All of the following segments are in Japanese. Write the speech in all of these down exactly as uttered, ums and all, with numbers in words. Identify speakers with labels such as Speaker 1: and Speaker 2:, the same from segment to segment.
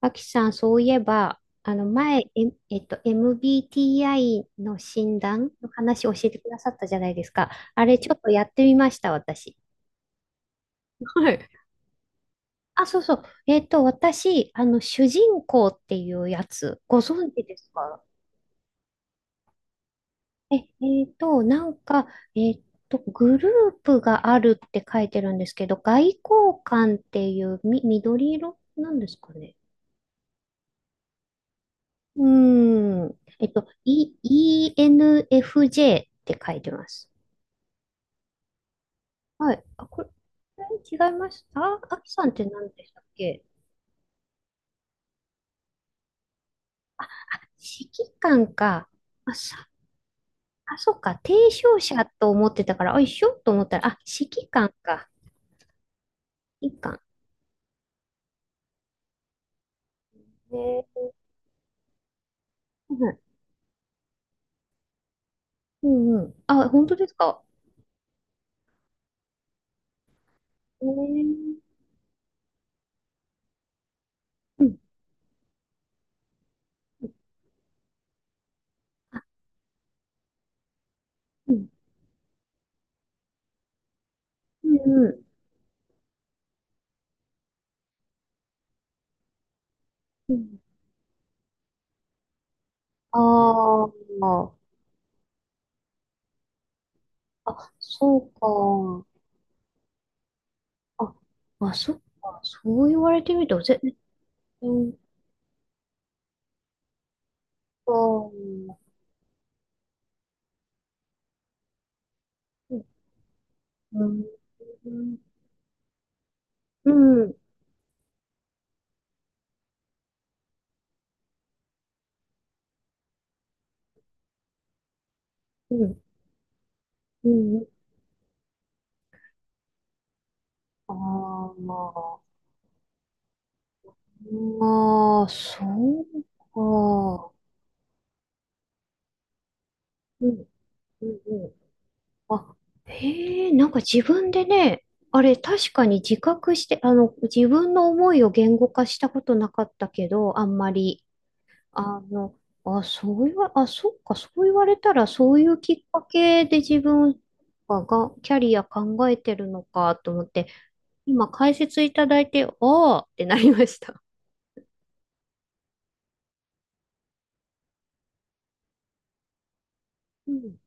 Speaker 1: アキさん、そういえば、あの前、え、えっと、エムビーティーアイ の診断の話を教えてくださったじゃないですか。あれ、ちょっとやってみました、私。はい。あ、そうそう。えっと、私、あの、主人公っていうやつ、ご存知ですか？え、えっと、なんか、えっと、グループがあるって書いてるんですけど、外交官っていう、み、緑色なんですかね。うーん。えっと、イーエヌエフジェー って書いてます。はい。あ、これ、違いました。あ、あきさんって何でしたっけ？指揮官か。あ、さ、あ、そっか。提唱者と思ってたから、あ、一緒と思ったら、あ、指揮官か。指揮官。ね。うんうんうん。あ、本当ですか。えー。うん。あ、うん。うんうん。うん。あー。あ、そうか。あ、あ、そっか。そう言われてみると、ぜ、うんと、うん、うん、うん、うん、うん。ああ、まあまあ、そうか。うん、うん、うん。あ、へえ、なんか自分でね、あれ、確かに自覚して、あの、自分の思いを言語化したことなかったけど、あんまり。あの、あ、そう言わ、あ、そっか、そう言われたら、そういうきっかけで自分が、がキャリア考えてるのかと思って、今解説いただいて、ああってなりました。うん。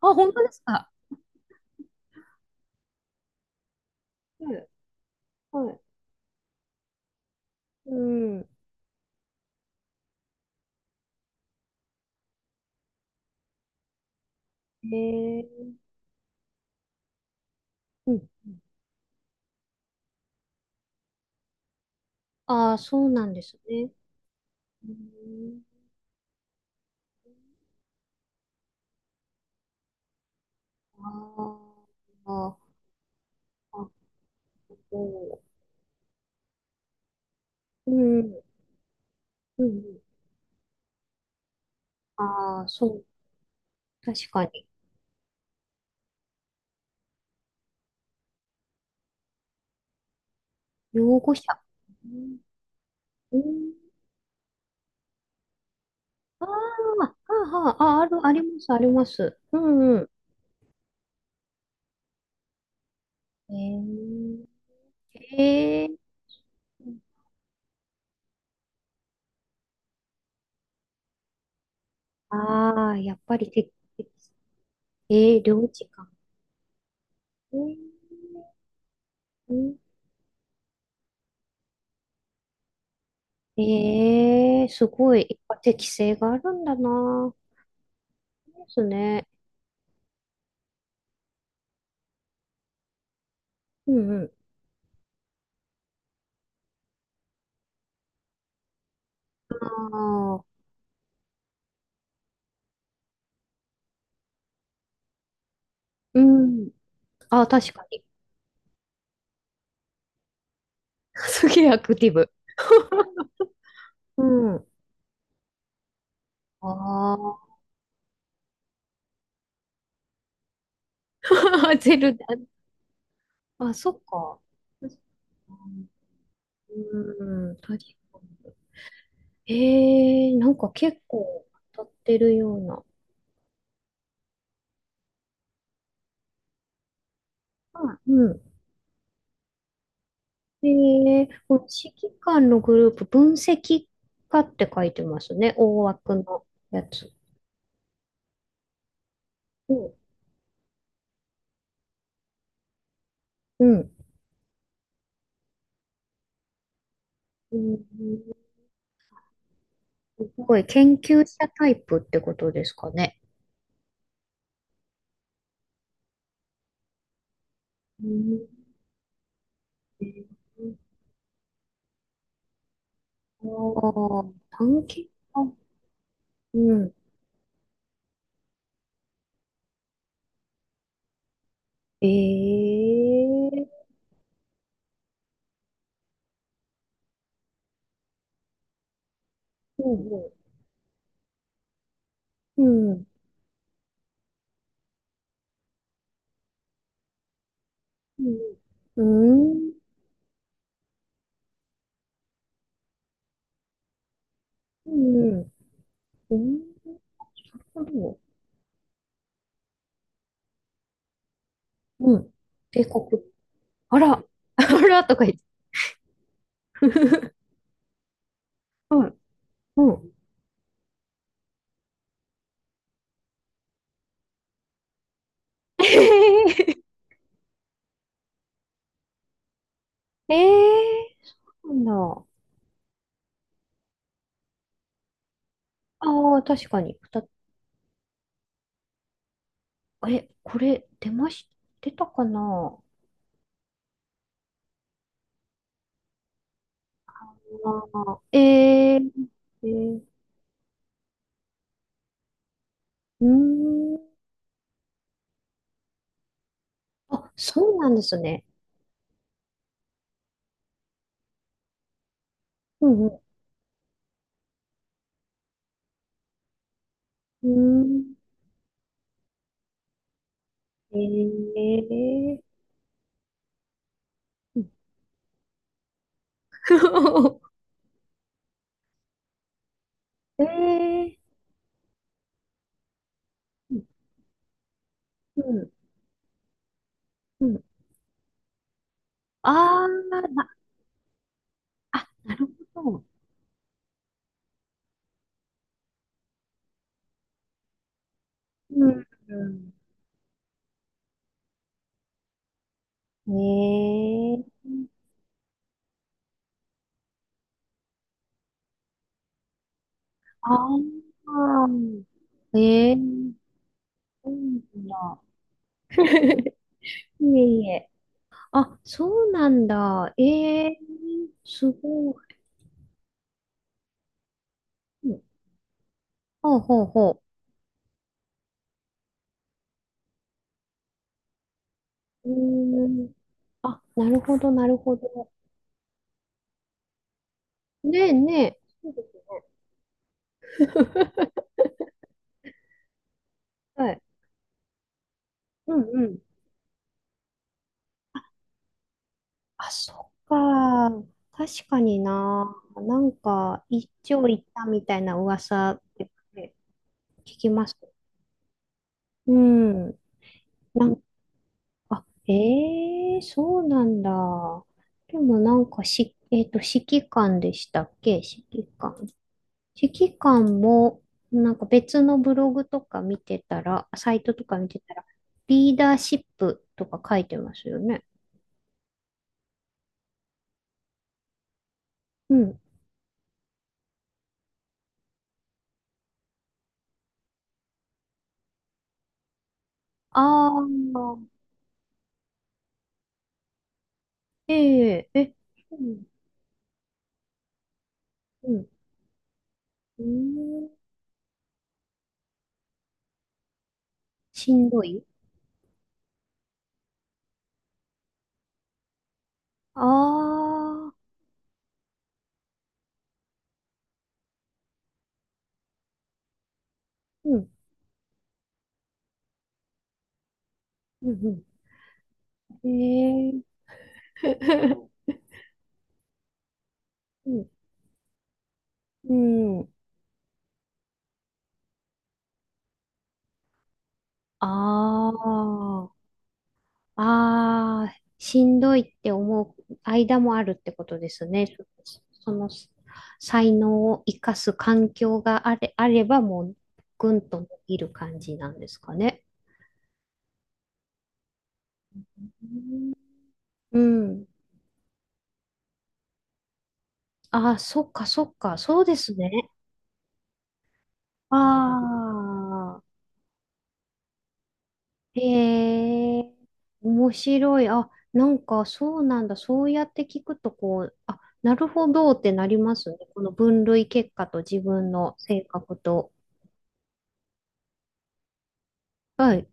Speaker 1: あ、本当ですか。はい、はい。うん。へえ。うん。ああ、そうなんですね。うん。ああ、ああ、そう。うん。うん。ああ、そう。確かに。擁護者。うん。うん。あーはあ、はあ、あ、ある、あります、あります。うんうん。えー、えー。ああ、やっぱりて、てえー、領事館。えー、うん。えー、すごい、やっぱ適性があるんだな。ですね。うんうん。ああ、うん。ああ、確かに。すげえアクティブ。うん。ああ、ゼルダ。あ、そっか。うん、確かに。ええ、なんか結構当たってるような。あ、うん。ええ、この指揮官のグループ、分析家って書いてますね。大枠のやつ。うん。うん。うん。すごい、研究者タイプってことですかね。うん。ああ、探検家。うん。ええ、うん。うん。うん。うん。うん。うん。うん。なるほど。うん。帝国。あら、あらとか言って。うん、うん。えー、えー、なんだ。ああ、確かに。ふた、え、これ、出まし、出たかな？あー、えー、えー、うーん。あ、そうなんですね。うんうん。うーん。えー、うん。 えー、うん、うん。うん。あー、な、あ、なるほど。うん。ええ。ああー、ええ、そうなんだ。いえ、いえ。あ、そうなんだ。ええ、すごい。うん。ほうほうほう。うーん。あ、なるほど、なるほど。ねえねえ。そうです。はい。うんうん。あ、そっか。確かにな。なんか、一丁行ったみたいな噂って聞きます。うん。なんあ、ええ、そうなんだ。でもなんかし、えっと、指揮官でしたっけ、指揮官。指揮官も、なんか別のブログとか見てたら、サイトとか見てたら、リーダーシップとか書いてますよね。うん。ああ、えええ、うん、うん、うーん、しんどい。ああ、うん、うん、うん、ええ。 うん、うん、ああ。ああ、しんどいって思う間もあるってことですね。その才能を生かす環境があれ、あればもうぐんと伸びる感じなんですかね。うん。ああ、そっかそっか、そうですね。ああ、へえ、面白い。あ、なんかそうなんだ。そうやって聞くと、こう、あ、なるほどってなりますね。この分類結果と自分の性格と。はい。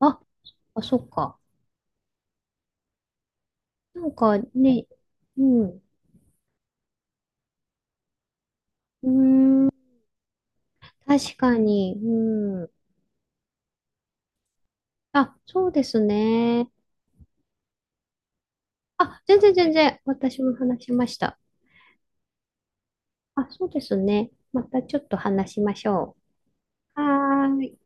Speaker 1: あ、あ、そっか。なんかね、うん。うーん、確かに。うん。あ、そうですね。あ、全然全然。私も話しました。あ、そうですね。またちょっと話しましょう。はーい。